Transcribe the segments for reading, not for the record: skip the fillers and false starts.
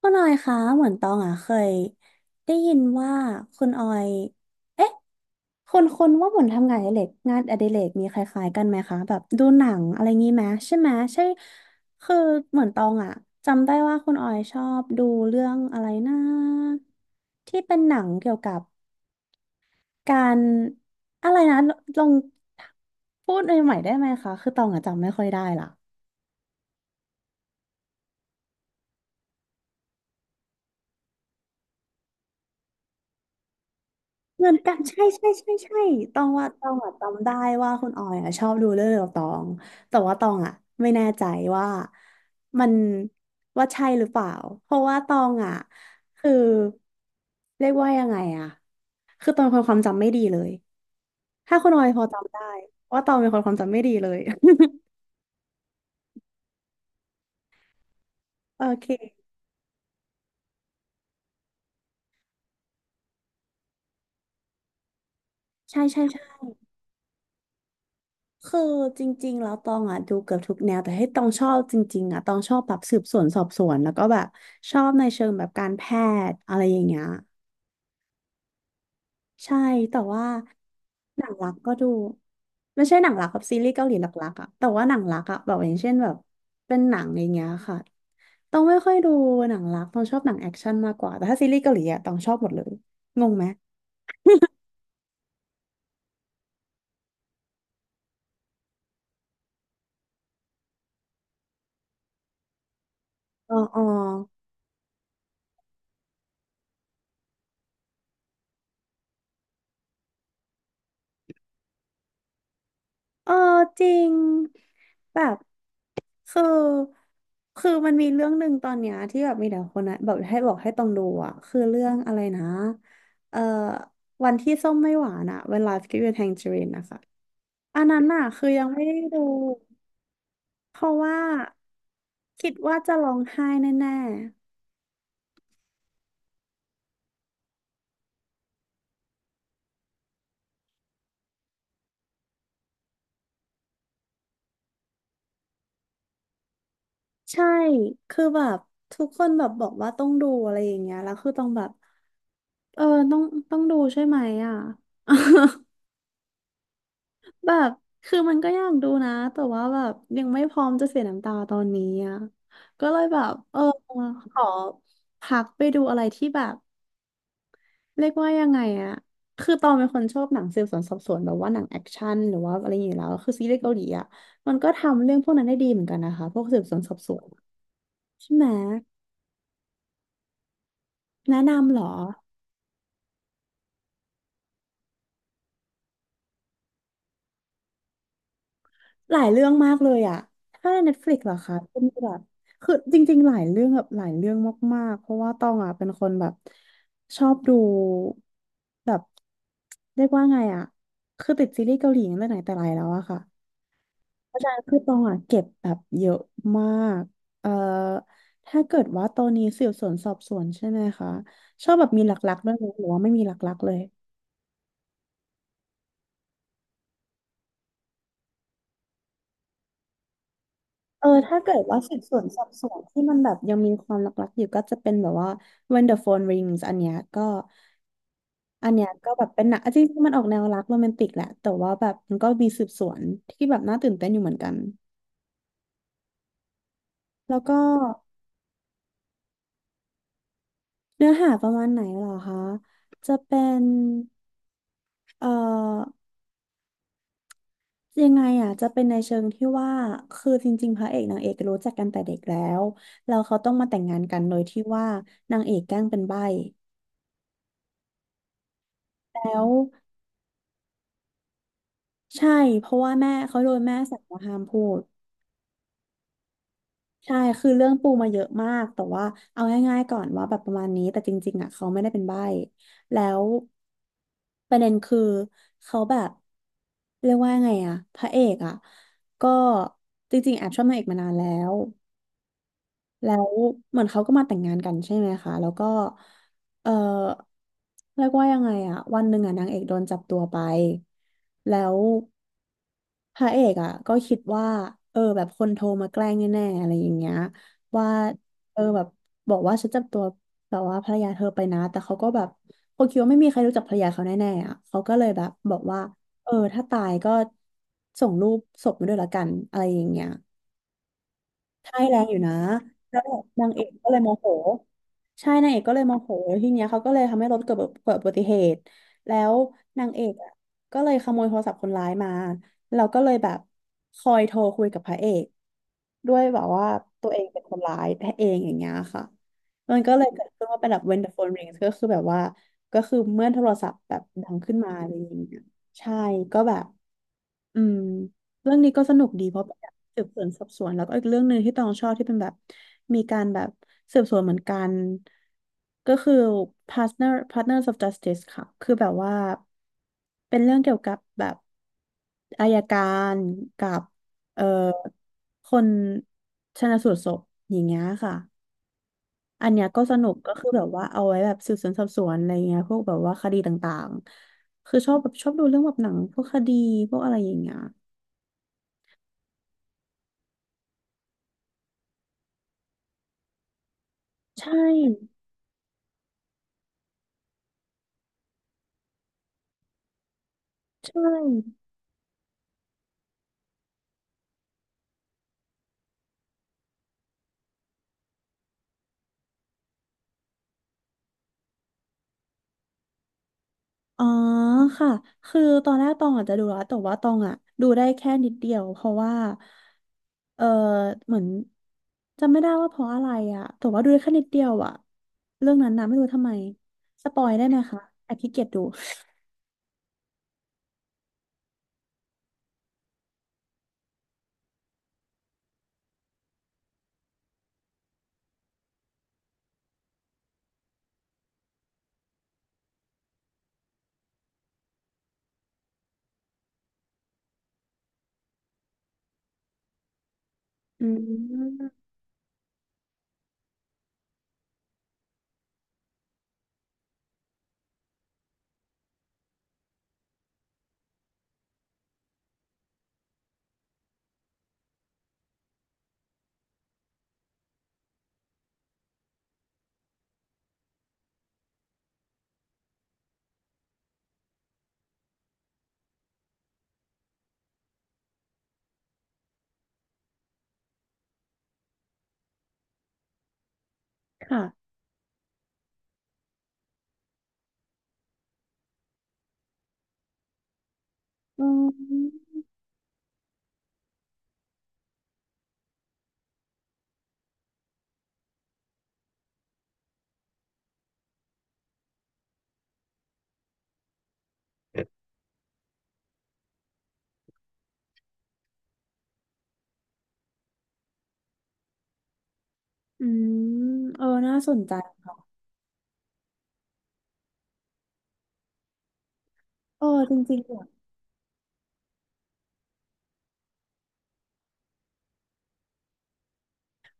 คุณออยคะเหมือนตองอ่ะเคยได้ยินว่าคุณออยคนว่าเหมือนทำงานอดิเรกมีคล้ายๆกันไหมคะแบบดูหนังอะไรงี้ไหมใช่ไหมใช่คือเหมือนตองอ่ะจำได้ว่าคุณออยชอบดูเรื่องอะไรนะที่เป็นหนังเกี่ยวกับการอะไรนะลองพูดใหม่ๆได้ไหมคะคือตองอ่ะจำไม่ค่อยได้ละ เหมือนกันใช่ใช่ใช่ใช่ตองว่าตองอะจำได้ว่าคุณออยอะชอบดูเรื่องเดียวกับตองแต่ว่าตองอะไม่แน่ใจว่ามันว่าใช่หรือเปล่าเพราะว่าตองอะคือเรียกว่ายังไงอะคือตองเป็นคนความจำไม่ดีเลยถ้าคุณออยพอจำได้ว่าตองเป็นคนความจำไม่ดีเลย โอเคใช่ใช่ใช่ คือจริงๆแล้วตองอ่ะดูเกือบทุกแนวแต่ให้ตองชอบจริงๆอ่ะตองชอบแบบสืบสวนสอบสวนแล้วก็แบบชอบในเชิงแบบการแพทย์อะไรอย่างเงี้ยใช่แต่ว่าหนังรักก็ดูไม่ใช่หนังรักกับซีรีส์เกาหลีหลักๆอ่ะแต่ว่าหนังรักอ่ะแบบอย่างเช่นแบบเป็นหนังอย่างเงี้ยค่ะตองไม่ค่อยดูหนังรักตองชอบหนังแอคชั่นมากกว่าแต่ถ้าซีรีส์เกาหลีอ่ะตองชอบหมดเลยงงไหมอ๋ออ๋อ เออจริงแบบคือคือมันมีเรื่องหนึ่งตอนเนี้ยที่แบบมีแต่คนนะแบบให้บอกให้ต้องดูอ่ะคือเรื่องอะไรนะเอ่อวันที่ส้มไม่หวานอ่ะ When Life Gives You Tangerine นะคะอันนั้นอ่ะคือยังไม่ได้ดูเพราะว่าคิดว่าจะร้องไห้แน่ๆใช่คือแบบทุกคนแบบบอกว่าต้องดูอะไรอย่างเงี้ยแล้วคือต้องแบบเออต้องต้องดูใช่ไหมอ่ะ แบบคือมันก็อยากดูนะแต่ว่าแบบยังไม่พร้อมจะเสียน้ำตาตอนนี้อ่ะก็เลยแบบเออขอพักไปดูอะไรที่แบบเรียกว่ายังไงอ่ะคือตองเป็นคนชอบหนังสืบสวนสอบสวนแบบว่าหนังแอคชั่นหรือว่าอะไรอย่างเงี้ยแล้วคือซีรีส์เกาหลีอ่ะมันก็ทำเรื่องพวกนั้นได้ดีเหมือนกันนะคะพวกสืบสวนสอบสวนใช่ไหมแนะนำเหรอ หลายเรื่องมากเลยอ่ะถ้าใน Netflix เหรอคะเป็นแบบคือจริงๆหลายเรื่องแบบหลายเรื่องมากๆเพราะว่าต้องอะเป็นคนแบบชอบดูแบบเรียกว่าไงอ่ะคือติดซีรีส์เกาหลีตั้งแต่ไหนแต่ไรแล้วอะค่ะเพราะฉะนั้นคือตองอะเก็บแบบเยอะมากเอ่อถ้าเกิดว่าตอนนี้สืบสวนสอบสวนใช่ไหมคะชอบแบบมีหลักๆด้วยไหมหรือว่าไม่มีหลักๆเลย เออถ้าเกิดว่าสืบสวนสอบสวนที่มันแบบยังมีความลักๆอยู่ก็จะเป็นแบบว่า When the Phone Rings อันเนี้ยก็อันเนี้ยก็แบบเป็นหนังอ่ะจริงๆมันออกแนวรักโรแมนติกแหละแต่ว่าแบบมันก็มีสืบสวนที่แบบน่าตื่นเต้นอยู่เหมือนกันแล้วก็เนื้อหาประมาณไหนเหรอคะจะเป็นเอ่อยังไงอ่ะจะเป็นในเชิงที่ว่าคือจริงๆพระเอกนางเอกรู้จักกันแต่เด็กแล้วแล้วเขาต้องมาแต่งงานกันโดยที่ว่านางเอกแกล้งเป็นใบ้แล้ว ใช่เพราะว่าแม่เขาโดนแม่สั่งว่าห้ามพูดใช่คือเรื่องปูมาเยอะมากแต่ว่าเอาง่ายๆก่อนว่าแบบประมาณนี้แต่จริงๆอ่ะเขาไม่ได้เป็นใบ้แล้วประเด็นคือเขาแบบเรียกว่าไงอ่ะพระเอกอ่ะก็จริงๆแอบชอบนางเอกมานานแล้ว แล้วเหมือนเขาก็มาแต่งงานกันใช่ไหมคะแล้วก็เออเรียกว่ายังไงอะวันหนึ่งอะนางเอกโดนจับตัวไปแล้วพระเอกอะก็คิดว่าเออแบบคนโทรมาแกล้งแน่ๆอะไรอย่างเงี้ยว่าเออแบบบอกว่าฉันจับตัวแบบว่าภรรยาเธอไปนะแต่เขาก็แบบเขาคิดว่าไม่มีใครรู้จักภรรยาเขาแน่ๆอะเขาก็เลยแบบบอกว่าเออถ้าตายก็ส่งรูปศพมาด้วยละกันอะไรอย่างเงี้ย ใช่แรงอยู่นะแล้วนางเอกก็เลยโมโหใช่นางเอกก็เลยโมโหทีเนี้ยเขาก็เลยทำให้รถเกิดอุบัติเหตุแล้วนางเอกอ่ะก็เลยขโมยโทรศัพท์คนร้ายมาเราก็เลยแบบคอยโทรคุยกับพระเอกด้วยแบบว่าตัวเองเป็นคนร้ายแท้เองอย่างเงี้ยค่ะมันก็เลยเกิดขึ้นว่าเป็นแบบ when the phone rings ก็คือแบบว่าก็คือเมื่อโทรศัพท์แบบดังขึ้นมาอะไรอย่างเงี้ยใช่ก็แบบ อืมเรื่องนี้ก็สนุกดีเพราะเป็นแบบสืบสวนสอบสวนแล้วก็อีกเรื่องหนึ่งที่ตองชอบที่เป็นแบบมีการแบบสืบสวนเหมือนกันก็คือ Partners of Justice ค่ะคือแบบว่าเป็นเรื่องเกี่ยวกับแบบอัยการกับเอ่อคนชันสูตรศพอย่างเงี้ยค่ะอันเนี้ยก็สนุกก็คือแบบว่าเอาไว้แบบสืบสวนสอบสวนอะไรเงี้ยพวกแบบว่าคดีต่างๆคือชอบแบบชอบดูเรื่องแบบหนังพวกคดีพวกอะไรอย่างเงี้ย ใช่ใช่อ๋อค่ะคือตอนแรกตองอาจจะดูแล้วแต่ว่าตองอ่ะดูได้แค่นิดเดียวเพราะว่าเออเหมือนจำไม่ได้ว่าเพราะอะไรอ่ะแต่ว่าดูได้แค่นิดเดียวอ่ะเรื่องนั้นนะไม่รู้ทำไมสปอยได้ไหมคะแอบขี้เกียจดูอืมค่ะอืมอืมเออน่าสนใจค่ะเออจริงๆเหรอ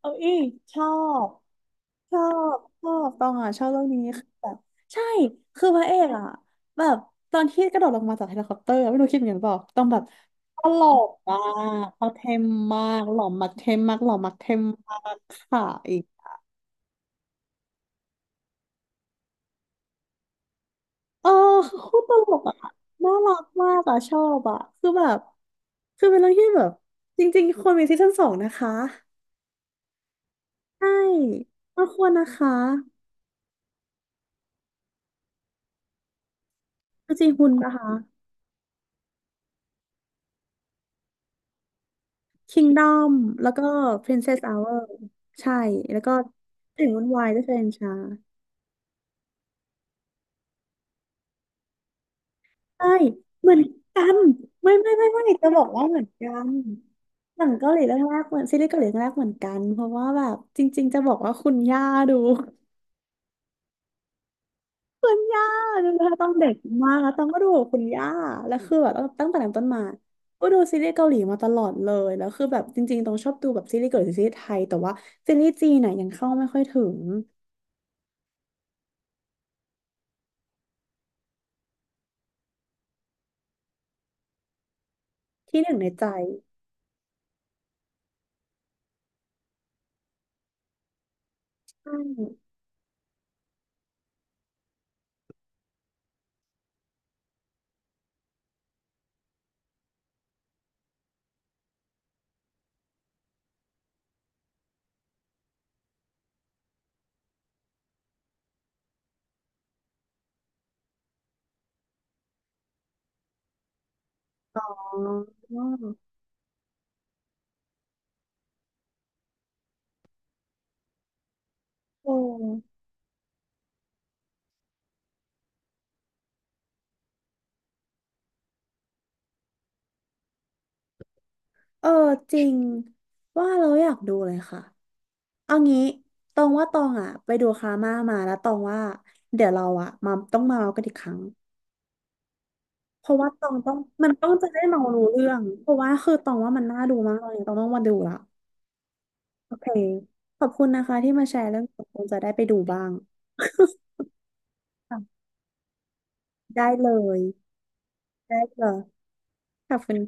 เอ้ยชอบชอบชอบตองอ่ะชอบเรื่องนี้คือแบบใช่คือพระเอกอ่ะแบบตอนที่กระโดดลงมาจากเฮลิคอปเตอร์ไม่รู้คิดเหมือนกันเปล่าต้องแบบตลกมากเขาเทมมากหล่อมากเทมมากหล่อมากเทมมากค่ะอีกเออคือโคตรตลกอ่ะน่ารักมากอ่ะชอบอ่ะคือแบบคือเป็นเรื่องที่แบบจริงๆควรมีซีซั่นสองนะคะใช่มันควรนะคะจริงๆคุณนะคะ Kingdom แล้วก็ Princess Hour ใช่แล้วก็ถึงวุ่นวายก็เซนชาใช่เหมือนกันไม่ไม่ไม่ไม่จะบอกว่าเหมือนกันหนังเกาหลีเรื่องแรกเหมือนซีรีส์เกาหลีเรื่องแรกเหมือนกันเพราะว่าแบบจริงๆจะบอกว่าคุณย่าดูคุณย่าดูแล้วต้องเด็กมากแล้วต้องก็ดูกับคุณย่าแล้วคือแบบตั้งแต่นั้นต้นมาก็ดูซีรีส์เกาหลีมาตลอดเลยแล้วคือแบบจริงๆตรงชอบดูแบบซีรีส์เกาหลีหรือซีรีส์ไทยแต่ว่าซีรีส์จีนน่ะยังเข้าไม่ค่อยถึงที่หนึ่งในใจ ใช่อ๋อโอ้เออจริงว่าเราอยากดูเลยค่ะเอางี้ตองว่าตองอ่ะไปดูคาม่ามาแล้วตองว่าเดี๋ยวเราอ่ะมาต้องมาเมากันอีกครั้งเพราะว่าตองต้องมันต้องจะได้เมารู้เรื่องเพราะว่าคือตองว่ามันน่าดูมากเลยตองต้องมาดูละโอเคขอบคุณนะคะที่มาแชร์เรื่องของคงจะได้ไปดูบ้าง ได้เลยได้เลยขอบคุณ